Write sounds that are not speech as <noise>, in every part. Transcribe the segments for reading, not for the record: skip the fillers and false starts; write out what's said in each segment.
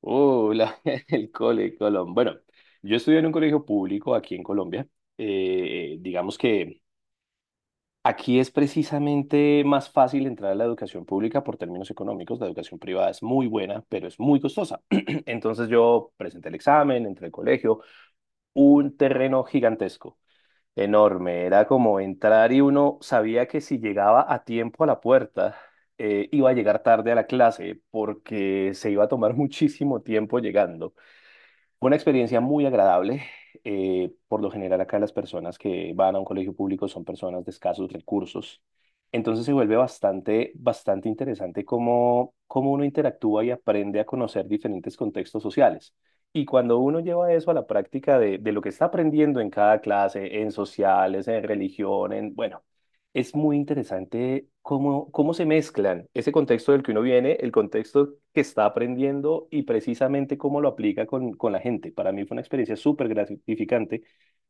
Uh, la- <laughs> el cole Colón. Bueno, yo estudié en un colegio público aquí en Colombia. Digamos que aquí es precisamente más fácil entrar a la educación pública por términos económicos. La educación privada es muy buena, pero es muy costosa. <clears throat> Entonces yo presenté el examen, entré al colegio, un terreno gigantesco, enorme. Era como entrar y uno sabía que si llegaba a tiempo a la puerta, iba a llegar tarde a la clase porque se iba a tomar <laughs> muchísimo tiempo llegando. Fue una experiencia muy agradable. Por lo general acá las personas que van a un colegio público son personas de escasos recursos. Entonces se vuelve bastante, bastante interesante cómo uno interactúa y aprende a conocer diferentes contextos sociales. Y cuando uno lleva eso a la práctica de lo que está aprendiendo en cada clase, en sociales, en religión, bueno, es muy interesante cómo se mezclan ese contexto del que uno viene, el contexto que está aprendiendo y precisamente cómo lo aplica con la gente. Para mí fue una experiencia súper gratificante,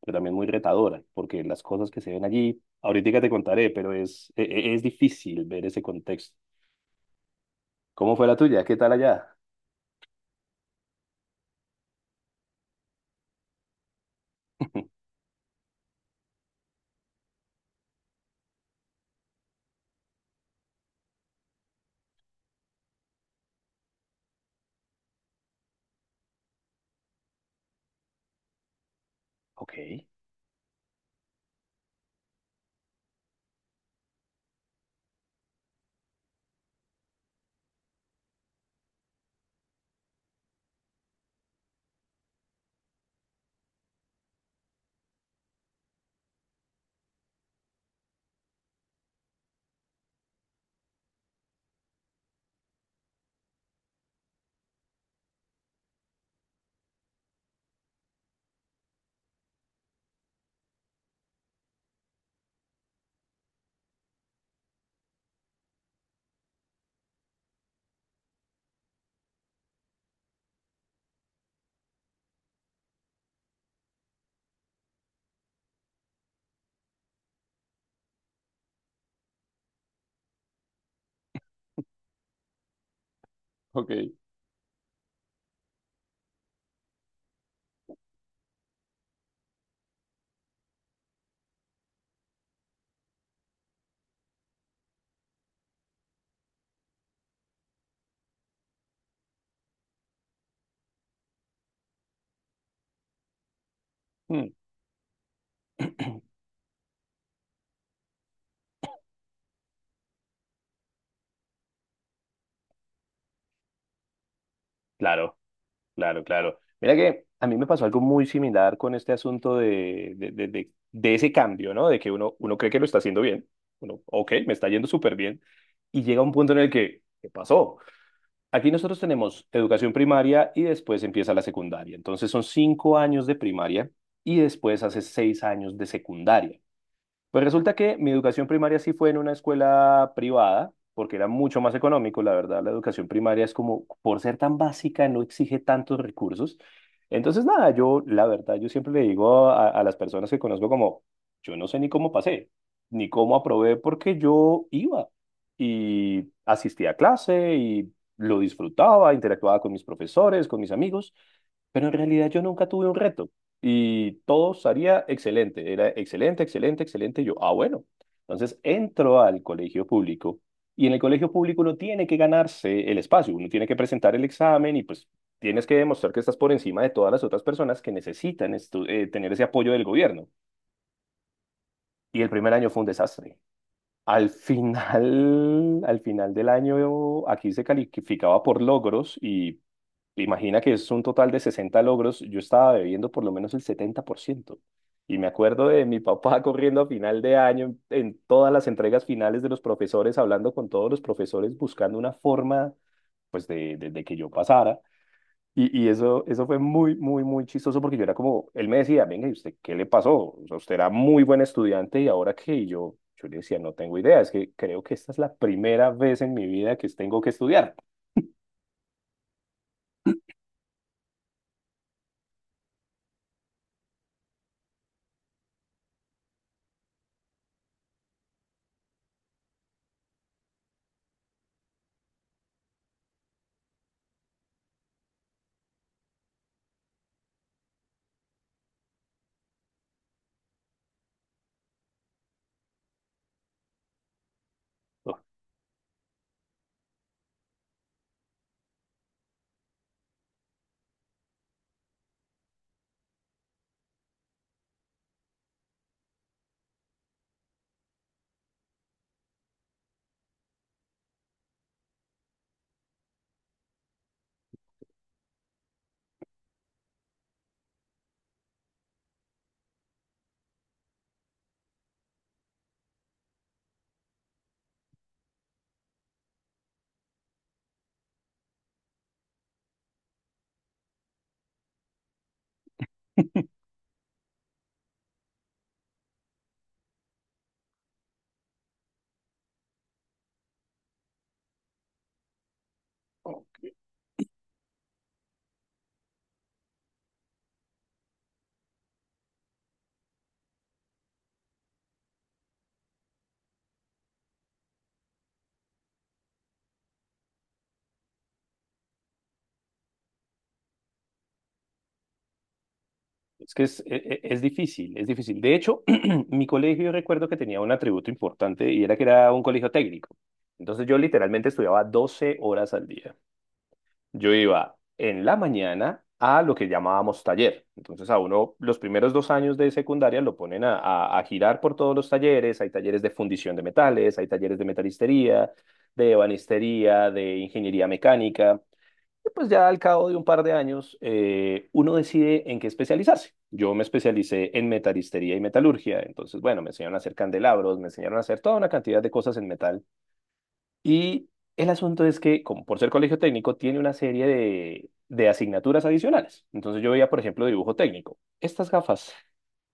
pero también muy retadora, porque las cosas que se ven allí, ahorita te contaré, pero es difícil ver ese contexto. ¿Cómo fue la tuya? ¿Qué tal allá? <laughs> Ok. Ok. Mm, claro, claro, claro. Mira que a mí me pasó algo muy similar con este asunto de ese cambio, ¿no? De que uno cree que lo está haciendo bien. Uno, ok, me está yendo súper bien. Y llega un punto en el que, ¿qué pasó? Aquí nosotros tenemos educación primaria y después empieza la secundaria. Entonces son 5 años de primaria y después hace 6 años de secundaria. Pues resulta que mi educación primaria sí fue en una escuela privada, porque era mucho más económico, la verdad, la educación primaria es como, por ser tan básica, no exige tantos recursos. Entonces, nada, yo, la verdad, yo siempre le digo a las personas que conozco como, yo no sé ni cómo pasé, ni cómo aprobé, porque yo iba y asistía a clase y lo disfrutaba, interactuaba con mis profesores, con mis amigos, pero en realidad yo nunca tuve un reto. Y todo salía excelente, era excelente, excelente, excelente. Y yo, ah, bueno. Entonces entro al colegio público y en el colegio público uno tiene que ganarse el espacio, uno tiene que presentar el examen y pues tienes que demostrar que estás por encima de todas las otras personas que necesitan tener ese apoyo del gobierno. Y el primer año fue un desastre. Al final del año, aquí se calificaba por logros y imagina que es un total de 60 logros, yo estaba bebiendo por lo menos el 70%. Y me acuerdo de mi papá <laughs> corriendo a final de año en todas las entregas finales de los profesores, hablando con todos los profesores, buscando una forma pues de que yo pasara. Y eso fue muy, muy, muy chistoso porque yo era como, él me decía, venga, ¿y usted qué le pasó? O sea, usted era muy buen estudiante y ¿ahora qué? Y yo le decía, no tengo idea, es que creo que esta es la primera vez en mi vida que tengo que estudiar. Es que es difícil, es difícil. De hecho, <clears throat> mi colegio yo recuerdo que tenía un atributo importante y era que era un colegio técnico. Entonces yo literalmente estudiaba 12 horas al día. Yo iba en la mañana a lo que llamábamos taller. Entonces a uno los primeros 2 años de secundaria lo ponen a girar por todos los talleres. Hay talleres de fundición de metales, hay talleres de metalistería, de ebanistería, de ingeniería mecánica. Y pues ya al cabo de un par de años, uno decide en qué especializarse. Yo me especialicé en metalistería y metalurgia, entonces, bueno, me enseñaron a hacer candelabros, me enseñaron a hacer toda una cantidad de cosas en metal. Y el asunto es que, como por ser colegio técnico, tiene una serie de asignaturas adicionales. Entonces yo veía, por ejemplo, dibujo técnico. Estas gafas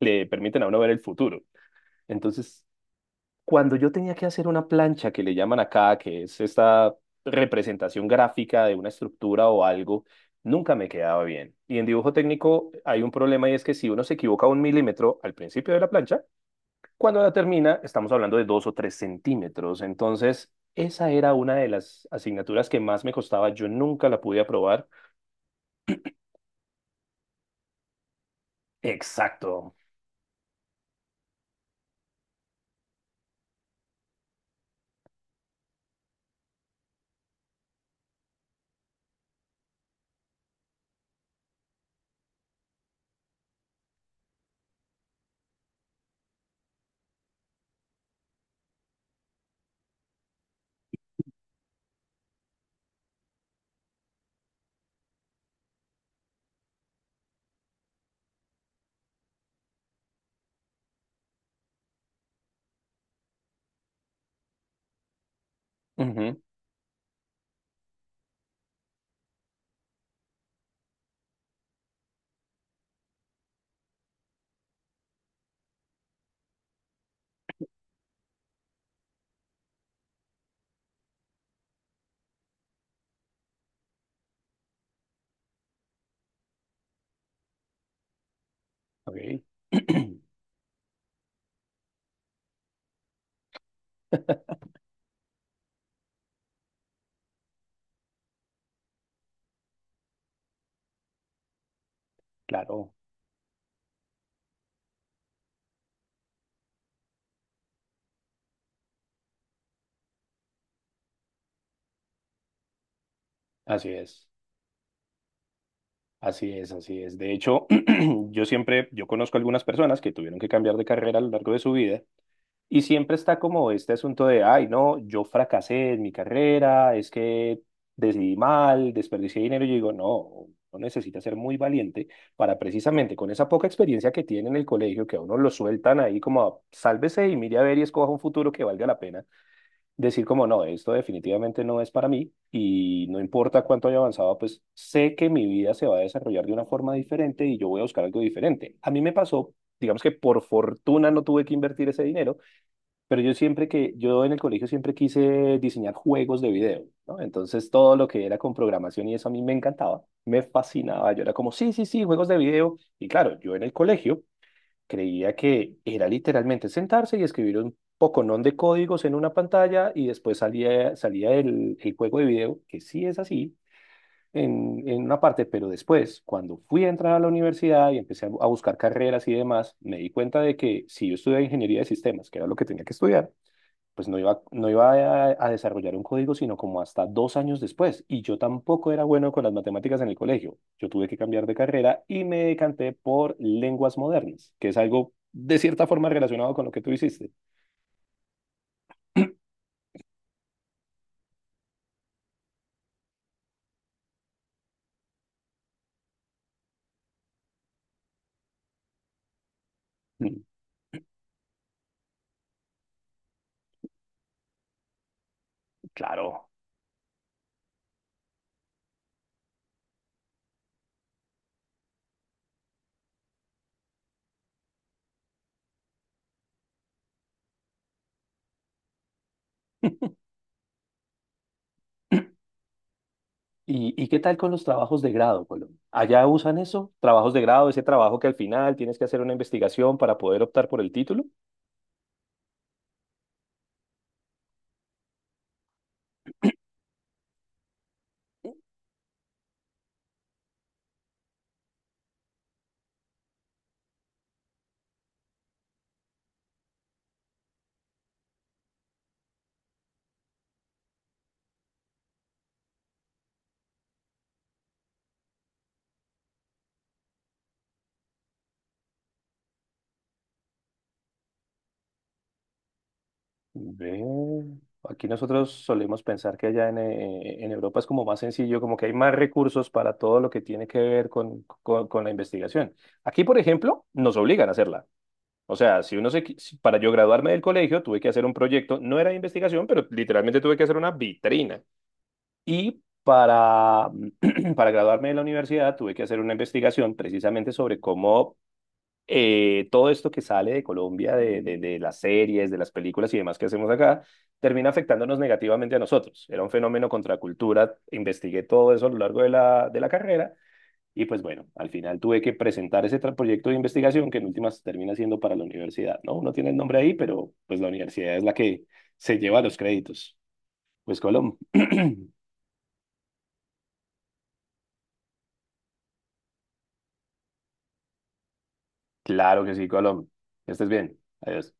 le permiten a uno ver el futuro. Entonces, cuando yo tenía que hacer una plancha que le llaman acá, que es esta representación gráfica de una estructura o algo, nunca me quedaba bien. Y en dibujo técnico hay un problema y es que si uno se equivoca un milímetro al principio de la plancha, cuando la termina estamos hablando de 2 o 3 centímetros. Entonces, esa era una de las asignaturas que más me costaba. Yo nunca la pude aprobar. Exacto. Ujú. Ok. <clears throat> Claro, así es. Así es, así es. De hecho, <clears throat> yo siempre, yo conozco algunas personas que tuvieron que cambiar de carrera a lo largo de su vida y siempre está como este asunto de ay, no, yo fracasé en mi carrera, es que decidí mal, desperdicié dinero. Y yo digo, no, uno necesita ser muy valiente para precisamente con esa poca experiencia que tiene en el colegio, que a uno lo sueltan ahí como sálvese y mire a ver y escoja un futuro que valga la pena, decir como no, esto definitivamente no es para mí y no importa cuánto haya avanzado, pues sé que mi vida se va a desarrollar de una forma diferente y yo voy a buscar algo diferente. A mí me pasó, digamos que por fortuna no tuve que invertir ese dinero, pero yo siempre que, yo en el colegio siempre quise diseñar juegos de video, ¿no? Entonces todo lo que era con programación y eso a mí me encantaba, me fascinaba, yo era como, sí, sí, sí, juegos de video. Y claro, yo en el colegio creía que era literalmente sentarse y escribir un poconón de códigos en una pantalla y después salía, salía el juego de video, que sí es así, en una parte, pero después, cuando fui a entrar a la universidad y empecé a buscar carreras y demás, me di cuenta de que si yo estudiaba ingeniería de sistemas, que era lo que tenía que estudiar, pues no iba a desarrollar un código, sino como hasta 2 años después. Y yo tampoco era bueno con las matemáticas en el colegio. Yo tuve que cambiar de carrera y me decanté por lenguas modernas, que es algo de cierta forma relacionado con lo que tú hiciste. Mm, claro. Y qué tal con los trabajos de grado, Colón? ¿Allá usan eso? ¿Trabajos de grado, ese trabajo que al final tienes que hacer una investigación para poder optar por el título? Ve, aquí nosotros solemos pensar que allá en Europa es como más sencillo, como que hay más recursos para todo lo que tiene que ver con la investigación. Aquí, por ejemplo, nos obligan a hacerla. O sea, si uno se, para yo graduarme del colegio tuve que hacer un proyecto, no era de investigación, pero literalmente tuve que hacer una vitrina. Y para, <clears throat> para graduarme de la universidad tuve que hacer una investigación precisamente sobre cómo todo esto que sale de Colombia, de las series, de las películas y demás que hacemos acá, termina afectándonos negativamente a nosotros. Era un fenómeno contracultura, investigué todo eso a lo largo de la carrera y pues bueno, al final tuve que presentar ese proyecto de investigación que en últimas termina siendo para la universidad, ¿no? Uno tiene el nombre ahí, pero pues la universidad es la que se lleva los créditos. Pues Colom. <clears throat> Claro que sí, Colom. Que estés bien. Adiós.